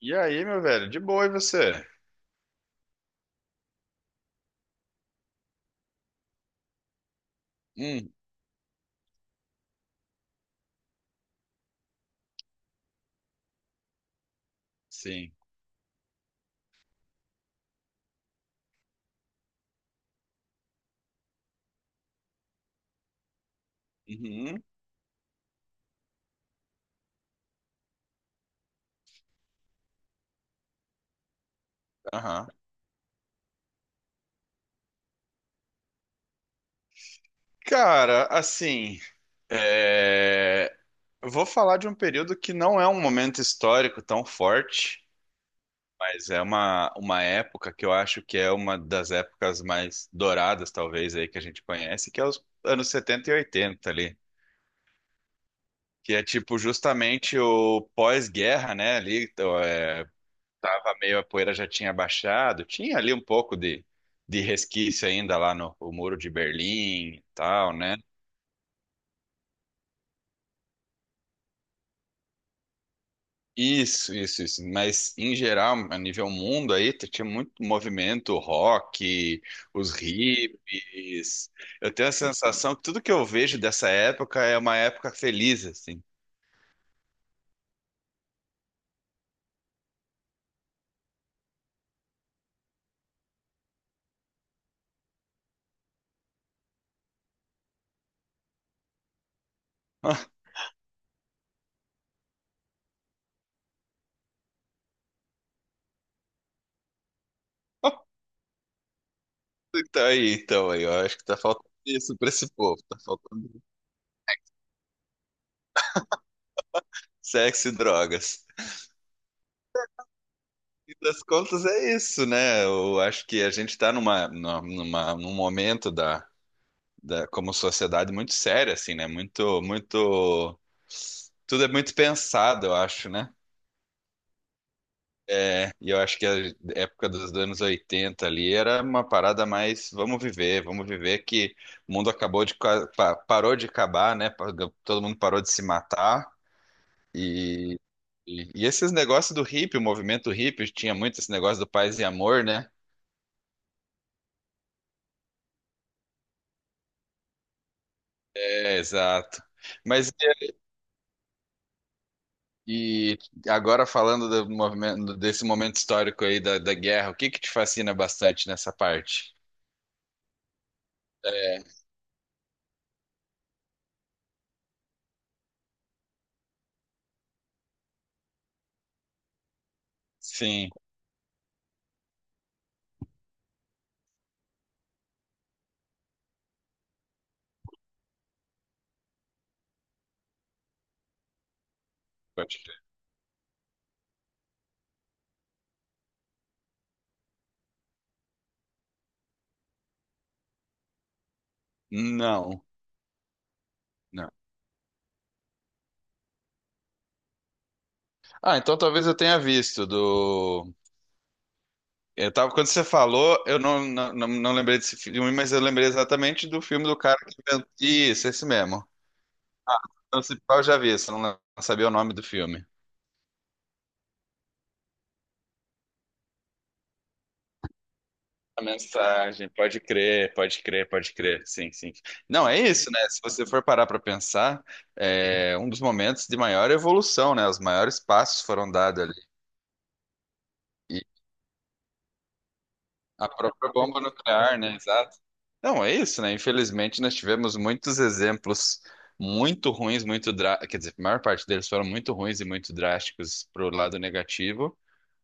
E aí, meu velho? De boa, e você? Hum, sim. Uhum, aham. Cara, assim, é, eu vou falar de um período que não é um momento histórico tão forte, mas é uma época que eu acho que é uma das épocas mais douradas, talvez, aí que a gente conhece, que é os anos 70 e 80 ali. Que é tipo justamente o pós-guerra, né? Ali, então, meio a poeira já tinha baixado, tinha ali um pouco de resquício ainda lá no o Muro de Berlim e tal, né? Isso, isso, isso. Mas em geral, a nível mundo aí, tinha muito movimento rock, os hippies. Eu tenho a sensação que tudo que eu vejo dessa época é uma época feliz, assim. Então aí, eu acho que tá faltando isso pra esse povo, tá faltando sexo e drogas. Das contas é isso, né? Eu acho que a gente está numa, numa, num momento da, como sociedade muito sério, assim, né? Muito, muito, tudo é muito pensado, eu acho, né? E eu acho que a época dos anos 80 ali era uma parada mais, vamos viver que o mundo acabou de, parou de acabar, né? Todo mundo parou de se matar e e esses negócios do hippie, o movimento hippie, tinha muito esse negócio do paz e amor, né? É, exato. Mas e agora falando do desse momento histórico aí da guerra, o que que te fascina bastante nessa parte? É, sim, pode crer. Não, não. Ah, então talvez eu tenha visto do. Eu tava, quando você falou, eu não, não, não, não lembrei desse filme, mas eu lembrei exatamente do filme do cara que inventou. Isso, esse mesmo. Então, se pá, eu já vi, só não sabia o nome do filme. A mensagem, pode crer, pode crer, pode crer, sim, sim. Não, é isso, né? Se você for parar para pensar, é um dos momentos de maior evolução, né? Os maiores passos foram dados ali. E a própria bomba nuclear, né? Exato. Não, é isso, né? Infelizmente, nós tivemos muitos exemplos muito ruins, muito drá quer dizer, a maior parte deles foram muito ruins e muito drásticos para o lado negativo,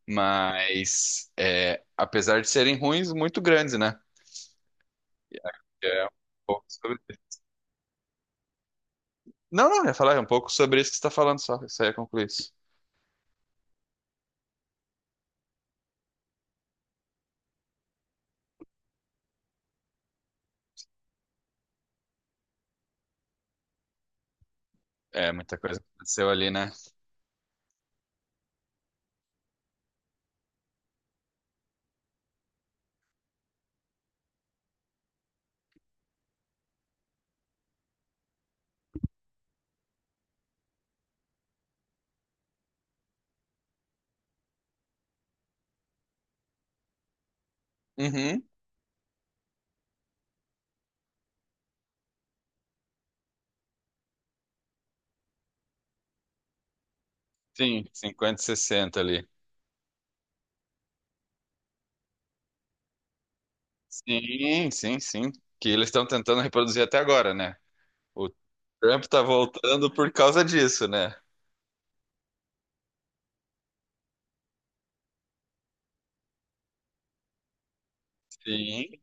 mas é, apesar de serem ruins, muito grandes, né? É um pouco sobre Não, não, eu ia falar um pouco sobre isso que você está falando só. Isso aí ia concluir isso. É, muita coisa aconteceu ali, né? Uhum. Sim, 50, e 60 ali. Sim, sim, sim. Que eles estão tentando reproduzir até agora, né? O Trump tá voltando por causa disso, né? Sim,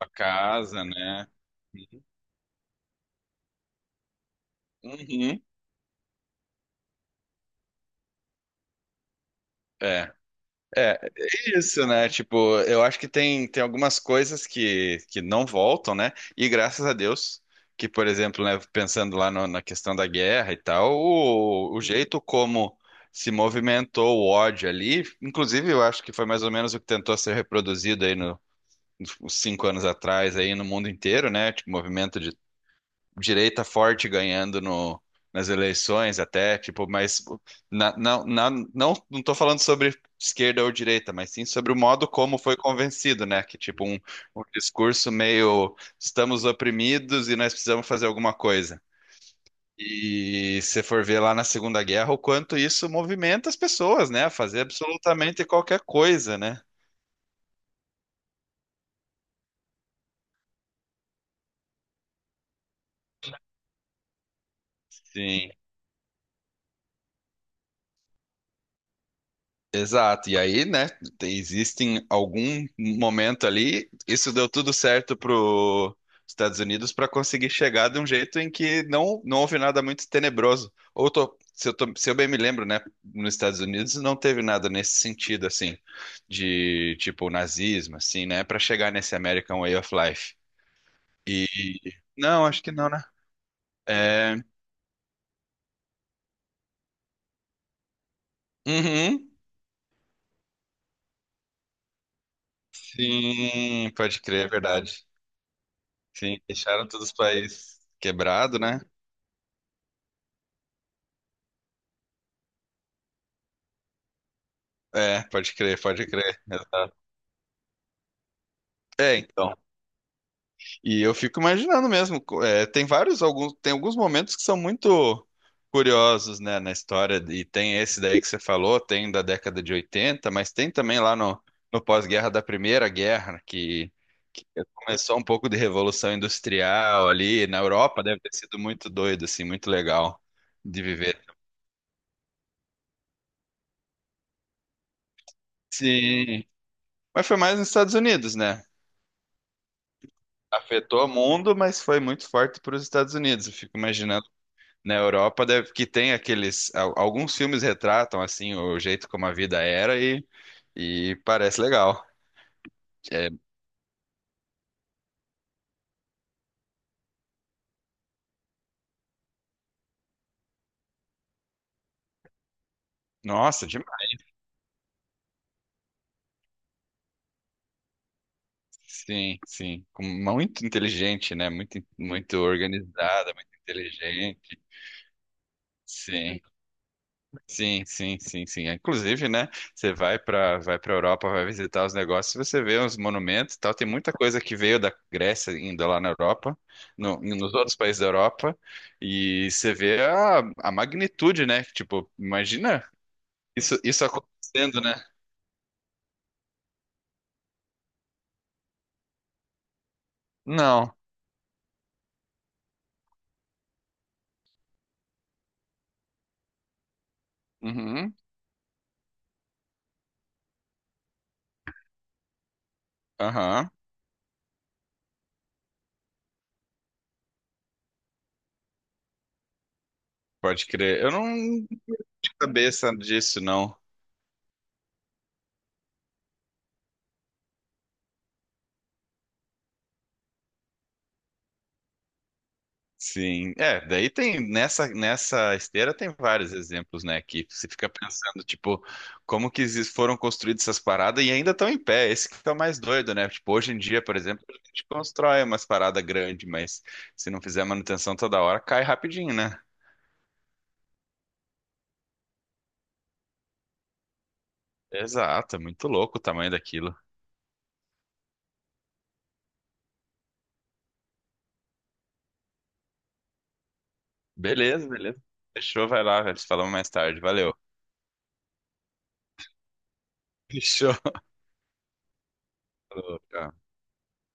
a casa, né? Uhum. É. É, é isso, né? Tipo, eu acho que tem algumas coisas que não voltam, né? E graças a Deus, que, por exemplo, né, pensando lá na questão da guerra e tal, o jeito como se movimentou o ódio ali, inclusive eu acho que foi mais ou menos o que tentou ser reproduzido aí no, nos 5 anos atrás, aí no mundo inteiro, né? Tipo, movimento de direita forte ganhando no, nas eleições até, tipo, mas na, na, não não estou falando sobre esquerda ou direita, mas sim sobre o modo como foi convencido, né? Que tipo um, um discurso meio estamos oprimidos e nós precisamos fazer alguma coisa. E se for ver lá na Segunda Guerra, o quanto isso movimenta as pessoas, né? A fazer absolutamente qualquer coisa, né? Sim. Exato, e aí, né, existem algum momento ali, isso deu tudo certo para os Estados Unidos para conseguir chegar de um jeito em que não, não houve nada muito tenebroso. Ou se eu bem me lembro, né, nos Estados Unidos não teve nada nesse sentido, assim, de tipo nazismo, assim, né, para chegar nesse American Way of Life. E não, acho que não, né? É, uhum, sim, pode crer, é verdade. Sim, deixaram todos os países quebrado, né? É, pode crer, pode crer. Exato. É, então. E eu fico imaginando mesmo. Tem vários, alguns, tem alguns momentos que são muito curiosos, né, na história. E tem esse daí que você falou, tem da década de 80. Mas tem também lá no, no pós-guerra da Primeira Guerra, que começou um pouco de revolução industrial ali na Europa. Deve ter sido muito doido, assim, muito legal de viver. Sim. Mas foi mais nos Estados Unidos, né? Afetou o mundo, mas foi muito forte para os Estados Unidos. Eu fico imaginando na Europa deve, que tem aqueles. Alguns filmes retratam assim o jeito como a vida era e parece legal. É, nossa, demais. Sim, sim. Muito inteligente, né? Muito, muito organizada, muito inteligente. Sim. Sim, sim, sim, sim. Inclusive, né? Você vai para Europa, vai visitar os negócios, você vê uns monumentos, e tal. Tem muita coisa que veio da Grécia ainda lá na Europa, nos outros países da Europa, e você vê a magnitude, né? Tipo, imagina isso acontecendo, né? Não. Uhum. Aham. Pode crer. Eu não lembro de cabeça disso, não. Sim, é, daí tem nessa esteira tem vários exemplos, né, que você fica pensando, tipo, como que foram construídas essas paradas e ainda estão em pé. Esse que é o mais doido, né? Tipo, hoje em dia, por exemplo, a gente constrói umas paradas grandes, mas se não fizer manutenção toda hora, cai rapidinho, né? Exato, é muito louco o tamanho daquilo. Beleza, beleza. Fechou, vai lá, velho. Falamos mais tarde. Valeu. Fechou. Falou, tchau.